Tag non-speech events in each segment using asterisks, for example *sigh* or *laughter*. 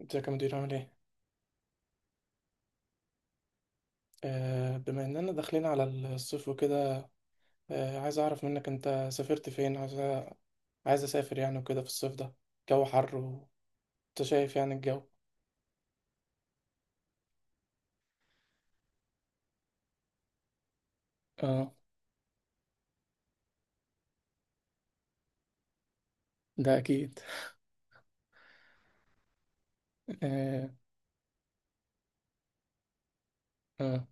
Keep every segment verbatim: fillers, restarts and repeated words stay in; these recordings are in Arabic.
ازيك يا مدير عامل ايه؟ آه، بما اننا داخلين على الصيف وكده. آه، عايز اعرف منك، انت سافرت فين؟ عايز أ- عايز اسافر يعني وكده في الصيف ده. جو حر، وانت شايف يعني الجو. اه، ده اكيد. آه. آه.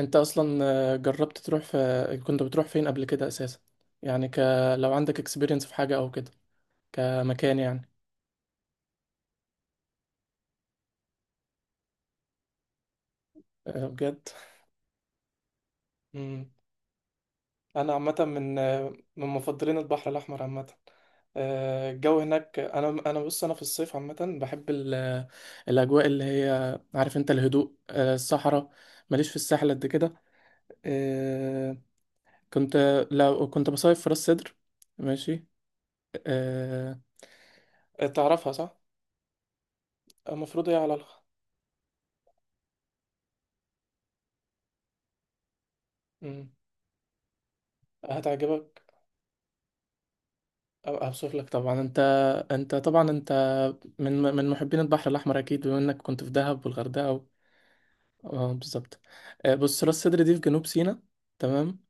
انت اصلا آه، جربت تروح في كنت بتروح فين قبل كده اساسا؟ يعني ك... لو عندك اكسبيرينس في حاجة او كده، كمكان يعني. آه، بجد. انا عامه من من مفضلين البحر الاحمر عامه. آه، الجو هناك. انا انا بص، انا في الصيف عامه بحب ال- الاجواء اللي هي عارف انت، الهدوء، آه، الصحراء. ماليش في الساحل قد كده. آه، كنت لو كنت بصيف في راس سدر، ماشي. آه، تعرفها صح. المفروض هي على. الخ مم. هتعجبك. اوصف لك طبعا. انت انت طبعا انت من من محبين البحر الاحمر اكيد بما انك كنت في دهب والغردقه. اه، بالظبط. آه، بص، راس سدر دي في جنوب سيناء، تمام.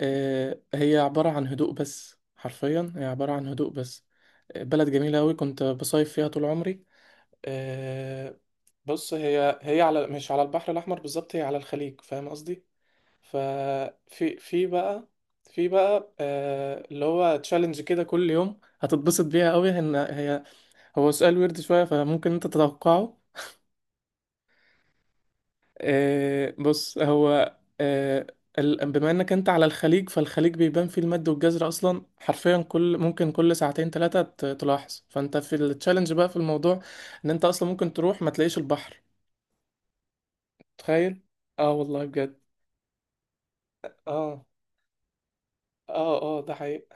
آه، هي عبارة عن هدوء بس، حرفيا هي عبارة عن هدوء بس. آه، بلد جميلة أوي، كنت بصيف فيها طول عمري. آه، بص، هي هي على مش على البحر الأحمر بالظبط، هي على الخليج، فاهم قصدي. ففي في بقى في بقى آه، اللي هو تشالنج كده، كل يوم هتتبسط بيها أوي إن هي هو سؤال ويرد شوية، فممكن أنت تتوقعه. آه، بص هو. آه، ال- بما انك انت على الخليج، فالخليج بيبان فيه المد والجزر اصلا، حرفيا كل ممكن كل ساعتين ثلاثة تلاحظ، فانت في التشالنج بقى في الموضوع، ان انت اصلا ممكن تروح ما تلاقيش البحر. تخيل. اه، والله بجد. اه. اه. اه، ده حقيقي.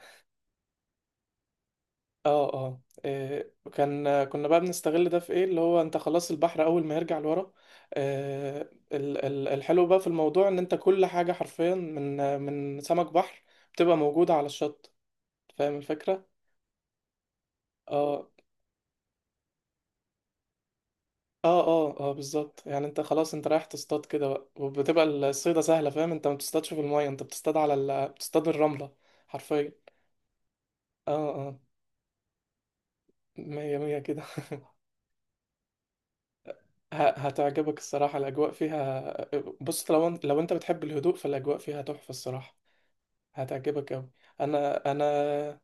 اه. اه. إيه، كان كنا بقى بنستغل ده في ايه، اللي هو انت خلاص البحر اول ما يرجع لورا، آه، ال- ال- الحلو بقى في الموضوع، ان انت كل حاجة حرفيا من من سمك بحر بتبقى موجودة على الشط. فاهم الفكرة؟ اه. اه. اه. اه، بالظبط. يعني انت خلاص، انت رايح تصطاد كده بقى، وبتبقى الصيدة سهلة فاهم. انت ما بتصطادش في المية، انت بتصطاد على ال... بتصطاد الرملة حرفيا. اه. اه. مية مية كده. *laughs* ه- هتعجبك الصراحة الأجواء فيها. بص، لو انت لو انت بتحب الهدوء، فالأجواء فيها تحفة الصراحة، هتعجبك أوي. أنا أنا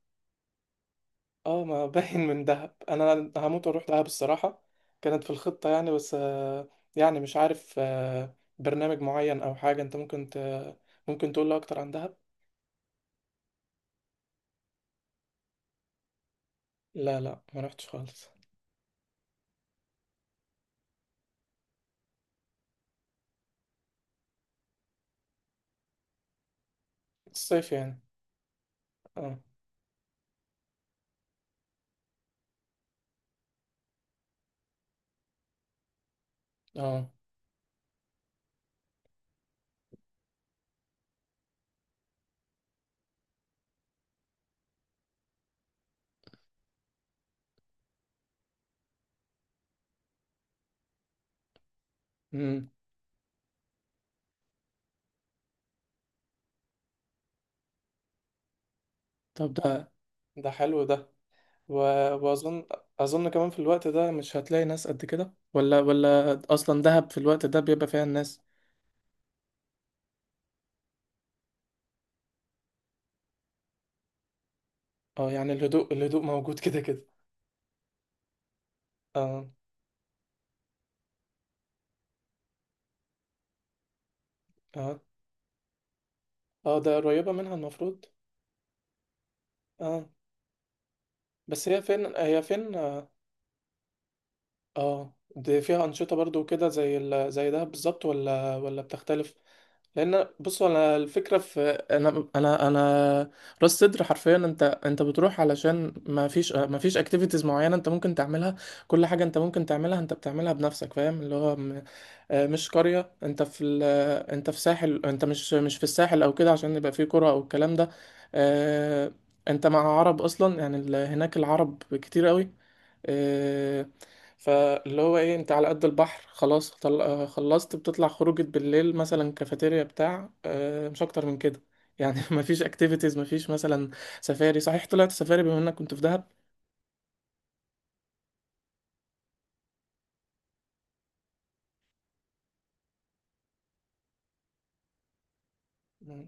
اه، ما باين من دهب، انا هموت واروح دهب الصراحه، كانت في الخطه يعني. بس آه، يعني مش عارف، آه، برنامج معين او حاجه انت ممكن ت... ممكن تقول لي اكتر عن دهب. لا، لا، ما رحتش خالص. الصيف يعني. اه. اه. امم طب، ده ده حلو ده، و... واظن اظن كمان في الوقت ده مش هتلاقي ناس قد كده، ولا ولا اصلا دهب في الوقت ده بيبقى فيها الناس. اه، يعني الهدوء، الهدوء موجود *laughs* كده كده. اه. اه. اه، ده قريبه منها المفروض. اه، بس هي فين؟ هي فين؟ اه. آه، دي فيها أنشطة برضو كده، زي ال... زي ده بالظبط، ولا ولا بتختلف؟ لأن بصوا، أنا الفكرة في، أنا أنا أنا راس صدر حرفيا، أنت أنت بتروح علشان ما فيش ما فيش أكتيفيتيز معينة أنت ممكن تعملها. كل حاجة أنت ممكن تعملها أنت بتعملها بنفسك، فاهم اللي هو آه، مش قرية. انت في ال... آه، انت في ساحل، انت مش مش في الساحل او كده عشان يبقى فيه قرى او الكلام ده. آه، انت مع عرب اصلا، يعني ال... هناك العرب كتير قوي. آه، فاللي هو ايه، انت على قد البحر خلاص، طل... آه، خلصت بتطلع خروجة بالليل مثلا، كافيتيريا بتاع، آه، مش اكتر من كده يعني. *laughs* مفيش اكتيفيتيز، مفيش مثلا سفاري. صحيح، طلعت سفاري بما انك كنت في دهب؟ مم.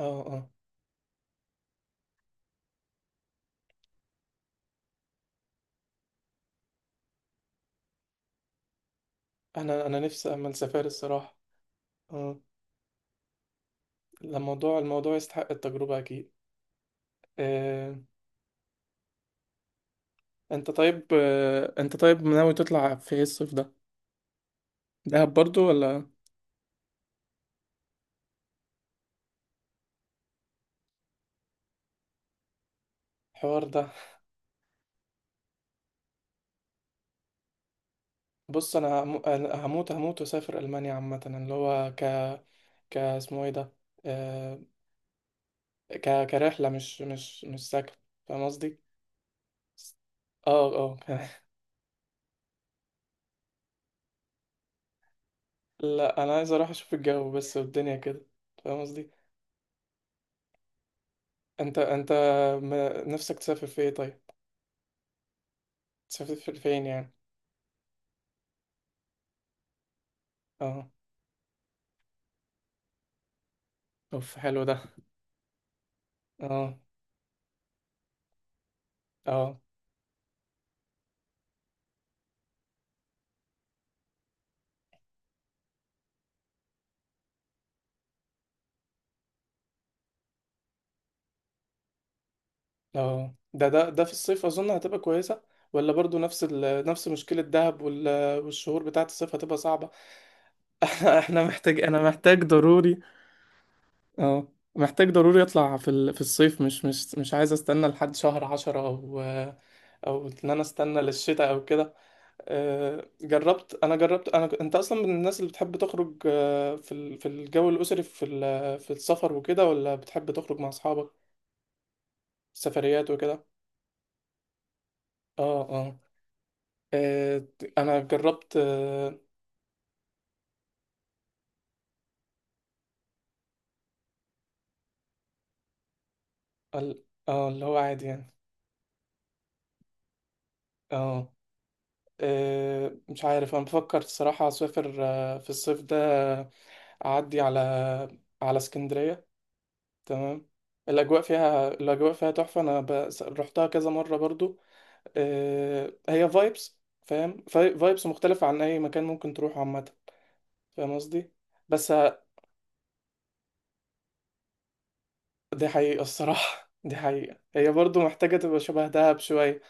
اه. اه. انا انا نفسي اعمل سفاري الصراحة. لا، الموضوع، الموضوع يستحق التجربة أكيد. آه، أنت طيب آه، أنت طيب ناوي تطلع في إيه الصيف ده؟ دهب برضو ولا؟ الحوار ده؟ بص، أنا هم- أنا هموت، هموت وأسافر ألمانيا عامة، اللي هو ك ك اسمه إيه ده؟ آه، ك كرحلة، مش مش مش سكن، فاهم قصدي؟ اه. اه. *laughs* لا، أنا عايز أروح أشوف الجو بس والدنيا كده، فاهم قصدي؟ أنت أنت م- نفسك تسافر في إيه طيب؟ تسافر فين يعني؟ اه، أوف، حلو ده. اه. اه. اه، ده ده ده في الصيف اظن هتبقى كويسه، ولا برضو نفس ال... نفس مشكله دهب وال... والشهور بتاعه الصيف هتبقى صعبه؟ *laughs* احنا محتاج انا محتاج ضروري. اه، محتاج ضروري اطلع في ال... في الصيف، مش مش مش عايز استنى لحد شهر عشرة، او او ان انا استنى للشتاء او كده. آه، جربت انا جربت انا ك- انت اصلا من الناس اللي بتحب تخرج آه، في ال... في الجو الاسري، في ال... في السفر وكده، ولا بتحب تخرج مع اصحابك سفريات وكده؟ اه. آه. آه، انا جربت، آه، ال- اه اللي هو عادي يعني. اه. آه، مش عارف، انا بفكر الصراحة اسافر آه، في الصيف ده. آه، اعدي على، على اسكندرية، تمام. الاجواء فيها الاجواء فيها تحفة. انا ب... رحتها كذا مرة برضو. آه، هي فايبس، فاهم، فايبس مختلفة عن اي مكان ممكن تروحه عامة، فاهم قصدي. بس آه، دي حقيقة الصراحة. *laughs* دي حقيقة، هي برضو محتاجة تبقى شبه دهب شوية.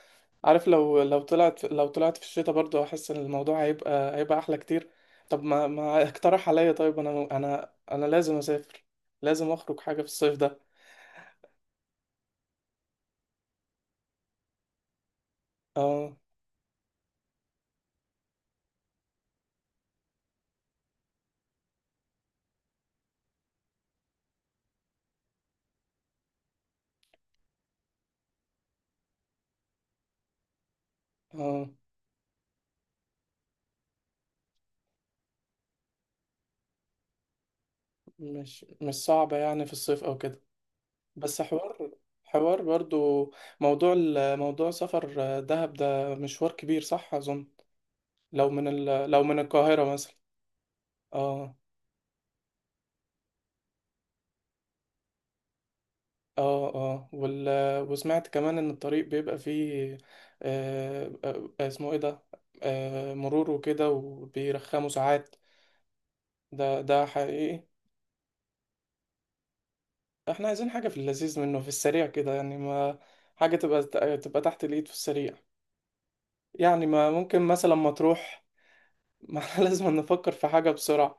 عارف، لو، لو طلعت لو طلعت في الشتاء برضه، احس ان الموضوع هيبقى هيبقى احلى كتير. طب ما ما اقترح عليا طيب، انا انا انا لازم اسافر، لازم اخرج حاجة في الصيف ده. اه. اه. مش مش صعبة يعني في الصيف او كده. بس، حوار حوار برضه، موضوع ال- موضوع سفر دهب ده مشوار كبير، صح اظن؟ لو من ال... لو من القاهرة مثلا. اه. اه. اه، وال... وسمعت كمان ان الطريق بيبقى فيه، آه آه، آه، اسمه ايه ده، آه مرور وكده، وبيرخموا ساعات. ده ده حقيقي. احنا عايزين حاجة في اللذيذ منه، في السريع كده يعني، ما حاجة تبقى تبقى تحت الايد في السريع، يعني ما ممكن مثلا ما تروح. *laughs* ما احنا لازم نفكر في حاجة بسرعة.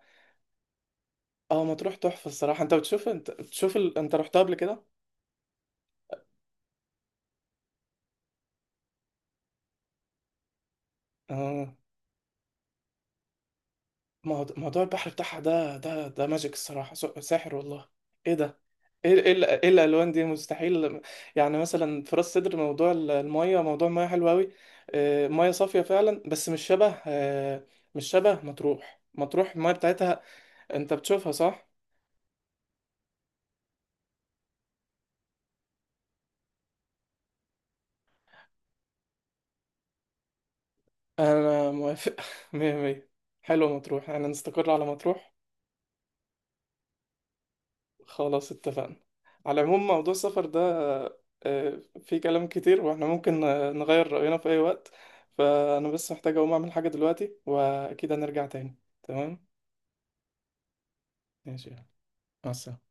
اه، ما تروح تحفة الصراحة. انت بتشوف، انت بتشوف ال... انت رحتها قبل كده. اه. موضوع موضوع البحر بتاعها، ده ده ده ماجيك الصراحة، س- ساحر والله. ايه ده، ايه، ايه ال- إيه الالوان دي مستحيل. يعني مثلا في راس سدر، موضوع ال- المية، موضوع المية حلو قوي. آه، مية صافية فعلا، بس مش شبه آه، مش شبه مطروح. مطروح المية بتاعتها انت بتشوفها صح. انا موافق. *laughs* مية مية، حلو، مطروح، انا نستقر على مطروح. خلاص، اتفقنا. على العموم موضوع السفر ده آه، فيه كلام كتير، واحنا ممكن آه، نغير رأينا في أي وقت. فأنا بس محتاج أقوم أعمل حاجة دلوقتي، وأكيد هنرجع تاني، تمام؟ ماشي، يلا. مع السلامة.